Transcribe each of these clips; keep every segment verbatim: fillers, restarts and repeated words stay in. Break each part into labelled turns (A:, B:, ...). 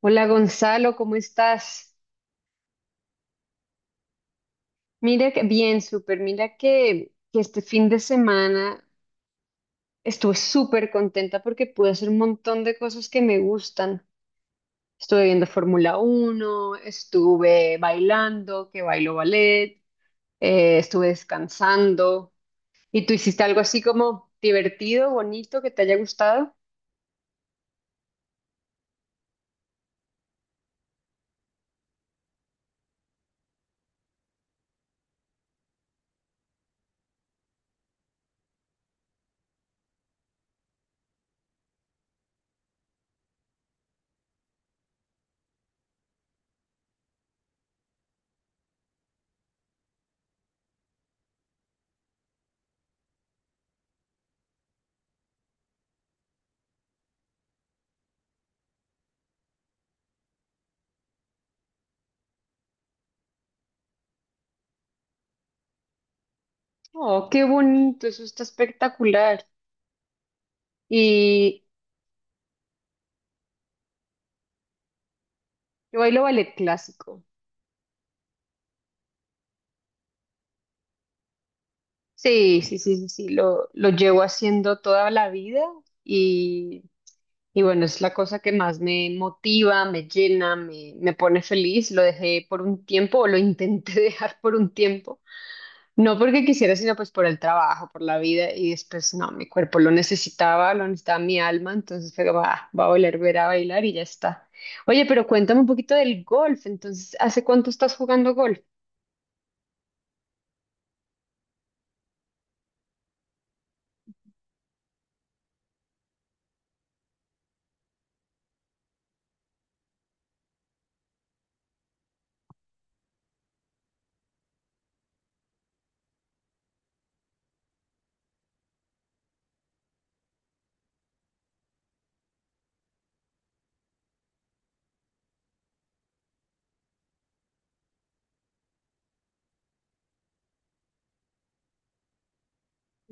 A: Hola, Gonzalo, ¿cómo estás? Mira, que bien, súper. Mira que, que este fin de semana estuve súper contenta porque pude hacer un montón de cosas que me gustan. Estuve viendo Fórmula Uno, estuve bailando, que bailo ballet, eh, estuve descansando. ¿Y tú hiciste algo así como divertido, bonito, que te haya gustado? Oh, qué bonito, eso está espectacular. Y yo bailo ballet clásico. Sí, sí, sí, sí, sí, lo, lo llevo haciendo toda la vida y, y bueno, es la cosa que más me motiva, me llena, me, me pone feliz. Lo dejé por un tiempo o lo intenté dejar por un tiempo. No porque quisiera, sino pues por el trabajo, por la vida y después no, mi cuerpo lo necesitaba, lo necesitaba mi alma, entonces fue como, "Ah, va a volver a ver a bailar y ya está." Oye, pero cuéntame un poquito del golf, entonces, ¿hace cuánto estás jugando golf?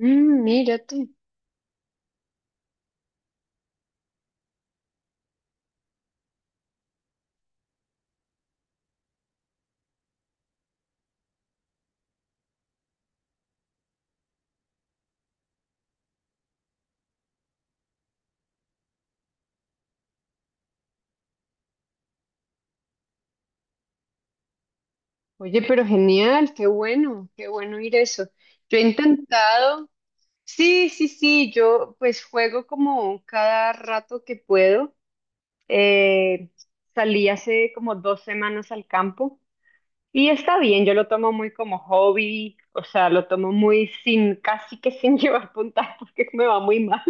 A: Mm, mira tú. Oye, pero genial, qué bueno, qué bueno ir eso. Yo he intentado, sí, sí, sí, yo pues juego como cada rato que puedo. Eh, Salí hace como dos semanas al campo y está bien, yo lo tomo muy como hobby, o sea, lo tomo muy sin, casi que sin llevar puntaje porque me va muy mal.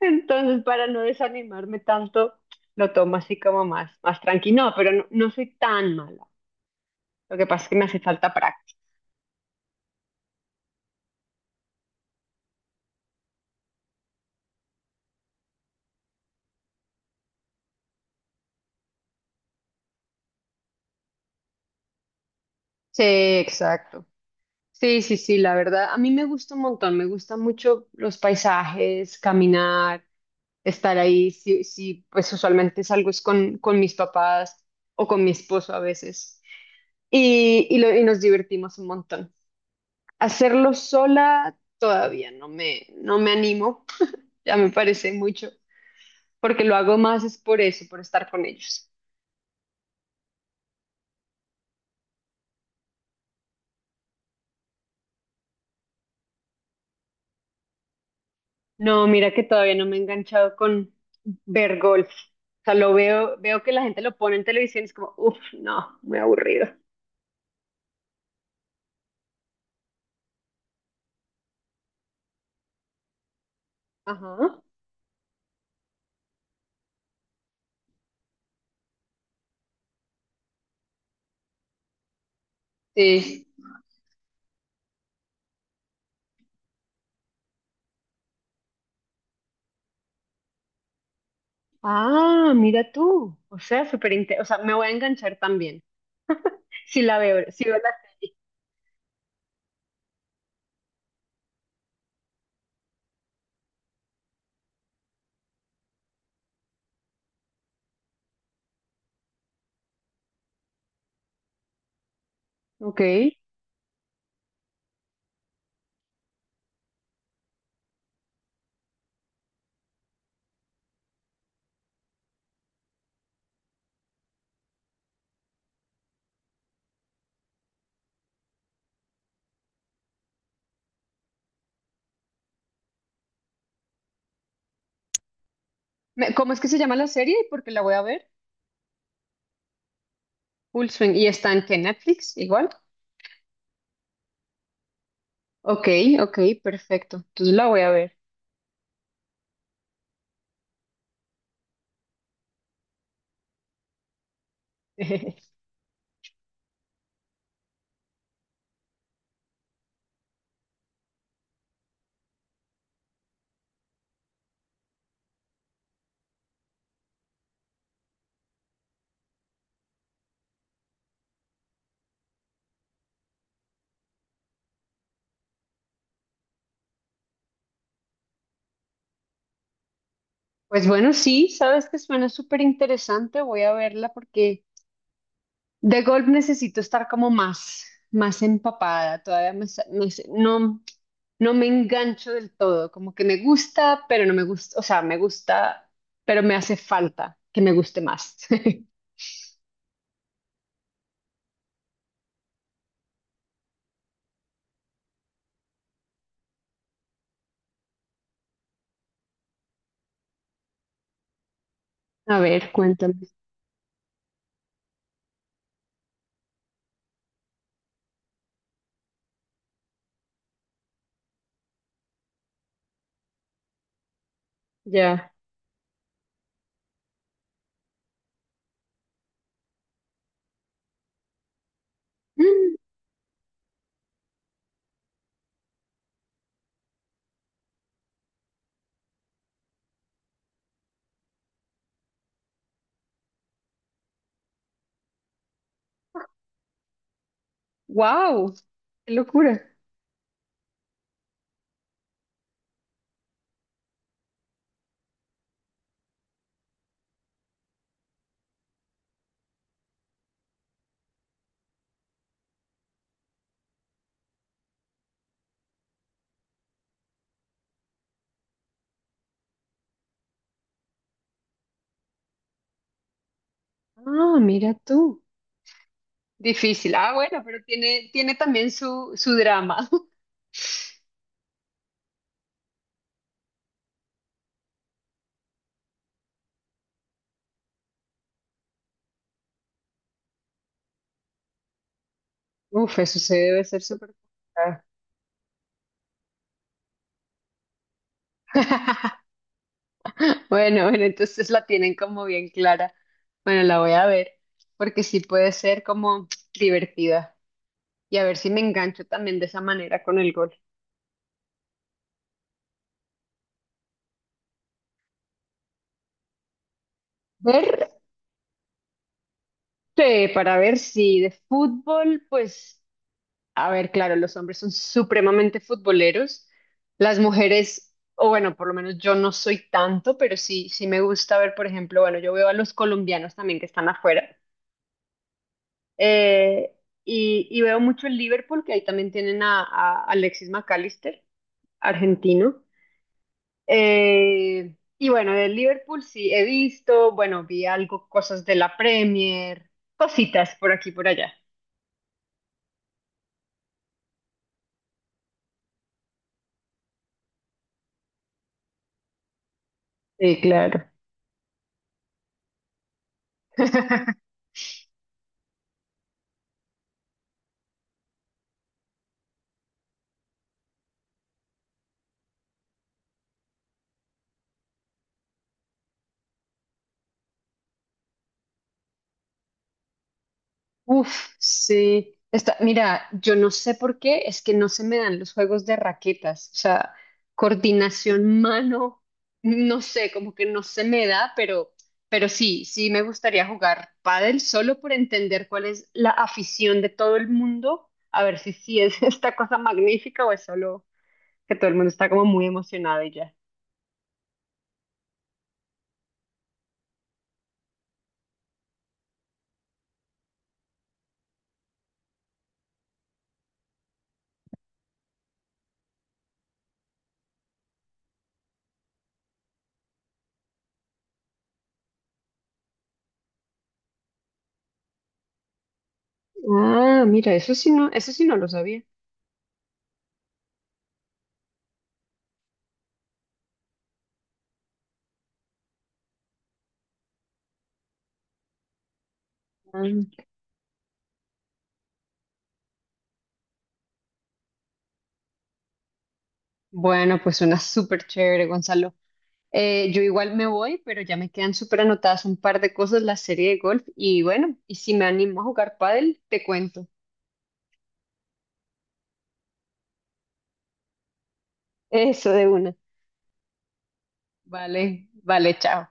A: Entonces, para no desanimarme tanto, lo tomo así como más, más tranquilo. No, pero no, no soy tan mala. Lo que pasa es que me hace falta práctica. Sí, exacto. Sí, sí, sí, la verdad, a mí me gusta un montón, me gustan mucho los paisajes, caminar, estar ahí, sí, sí, pues usualmente salgo es con, con mis papás o con mi esposo a veces y, y, lo- y nos divertimos un montón. Hacerlo sola todavía no me, no me animo, ya me parece mucho, porque lo hago más es por eso, por estar con ellos. No, mira que todavía no me he enganchado con ver golf. O sea, lo veo, veo que la gente lo pone en televisión y es como, uff, no, muy aburrido. Ajá. Sí. Ah, mira tú. O sea, súper inte- o sea, me voy a enganchar también. Si la veo, si veo la serie. Ok. Me- ¿Cómo es que se llama la serie? Porque la voy a ver. Full Swing. ¿Y está en qué? ¿Netflix? Igual. Ok, ok, perfecto. Entonces la voy a ver. Pues bueno, sí, sabes que suena súper interesante. Voy a verla porque de golf necesito estar como más, más empapada, todavía me sa- no sé, no, no me engancho del todo, como que me gusta, pero no me gusta, o sea, me gusta, pero me hace falta que me guste más. A ver, cuéntame. Ya. Wow, qué locura. Ah, mira tú. Difícil. Ah, bueno, pero tiene, tiene también su, su drama. Uf, eso se debe ser súper complicado. Bueno, bueno, entonces la tienen como bien clara. Bueno, la voy a ver, porque sí puede ser como divertida. Y a ver si me engancho también de esa manera con el gol. Ver, eh, para ver si de fútbol, pues, a ver, claro, los hombres son supremamente futboleros. Las mujeres, o bueno, por lo menos yo no soy tanto, pero sí, sí me gusta ver, por ejemplo, bueno, yo veo a los colombianos también que están afuera. Eh, y, y veo mucho el Liverpool, que ahí también tienen a, a Alexis McAllister, argentino. Eh, y bueno, del Liverpool sí he visto, bueno, vi algo, cosas de la Premier, cositas por aquí y por allá. Sí, claro. Uf, sí. Está, mira, yo no sé por qué, es que no se me dan los juegos de raquetas. O sea, coordinación mano, no sé, como que no se me da, pero, pero sí, sí me gustaría jugar pádel solo por entender cuál es la afición de todo el mundo, a ver si sí es esta cosa magnífica o es solo que todo el mundo está como muy emocionado y ya. Ah, mira, eso sí no, eso sí no lo sabía. Ah. Bueno, pues suena súper chévere, Gonzalo. Eh, yo igual me voy, pero ya me quedan súper anotadas un par de cosas, la serie de golf y bueno, y si me animo a jugar pádel, te cuento. Eso de una. Vale, vale, chao.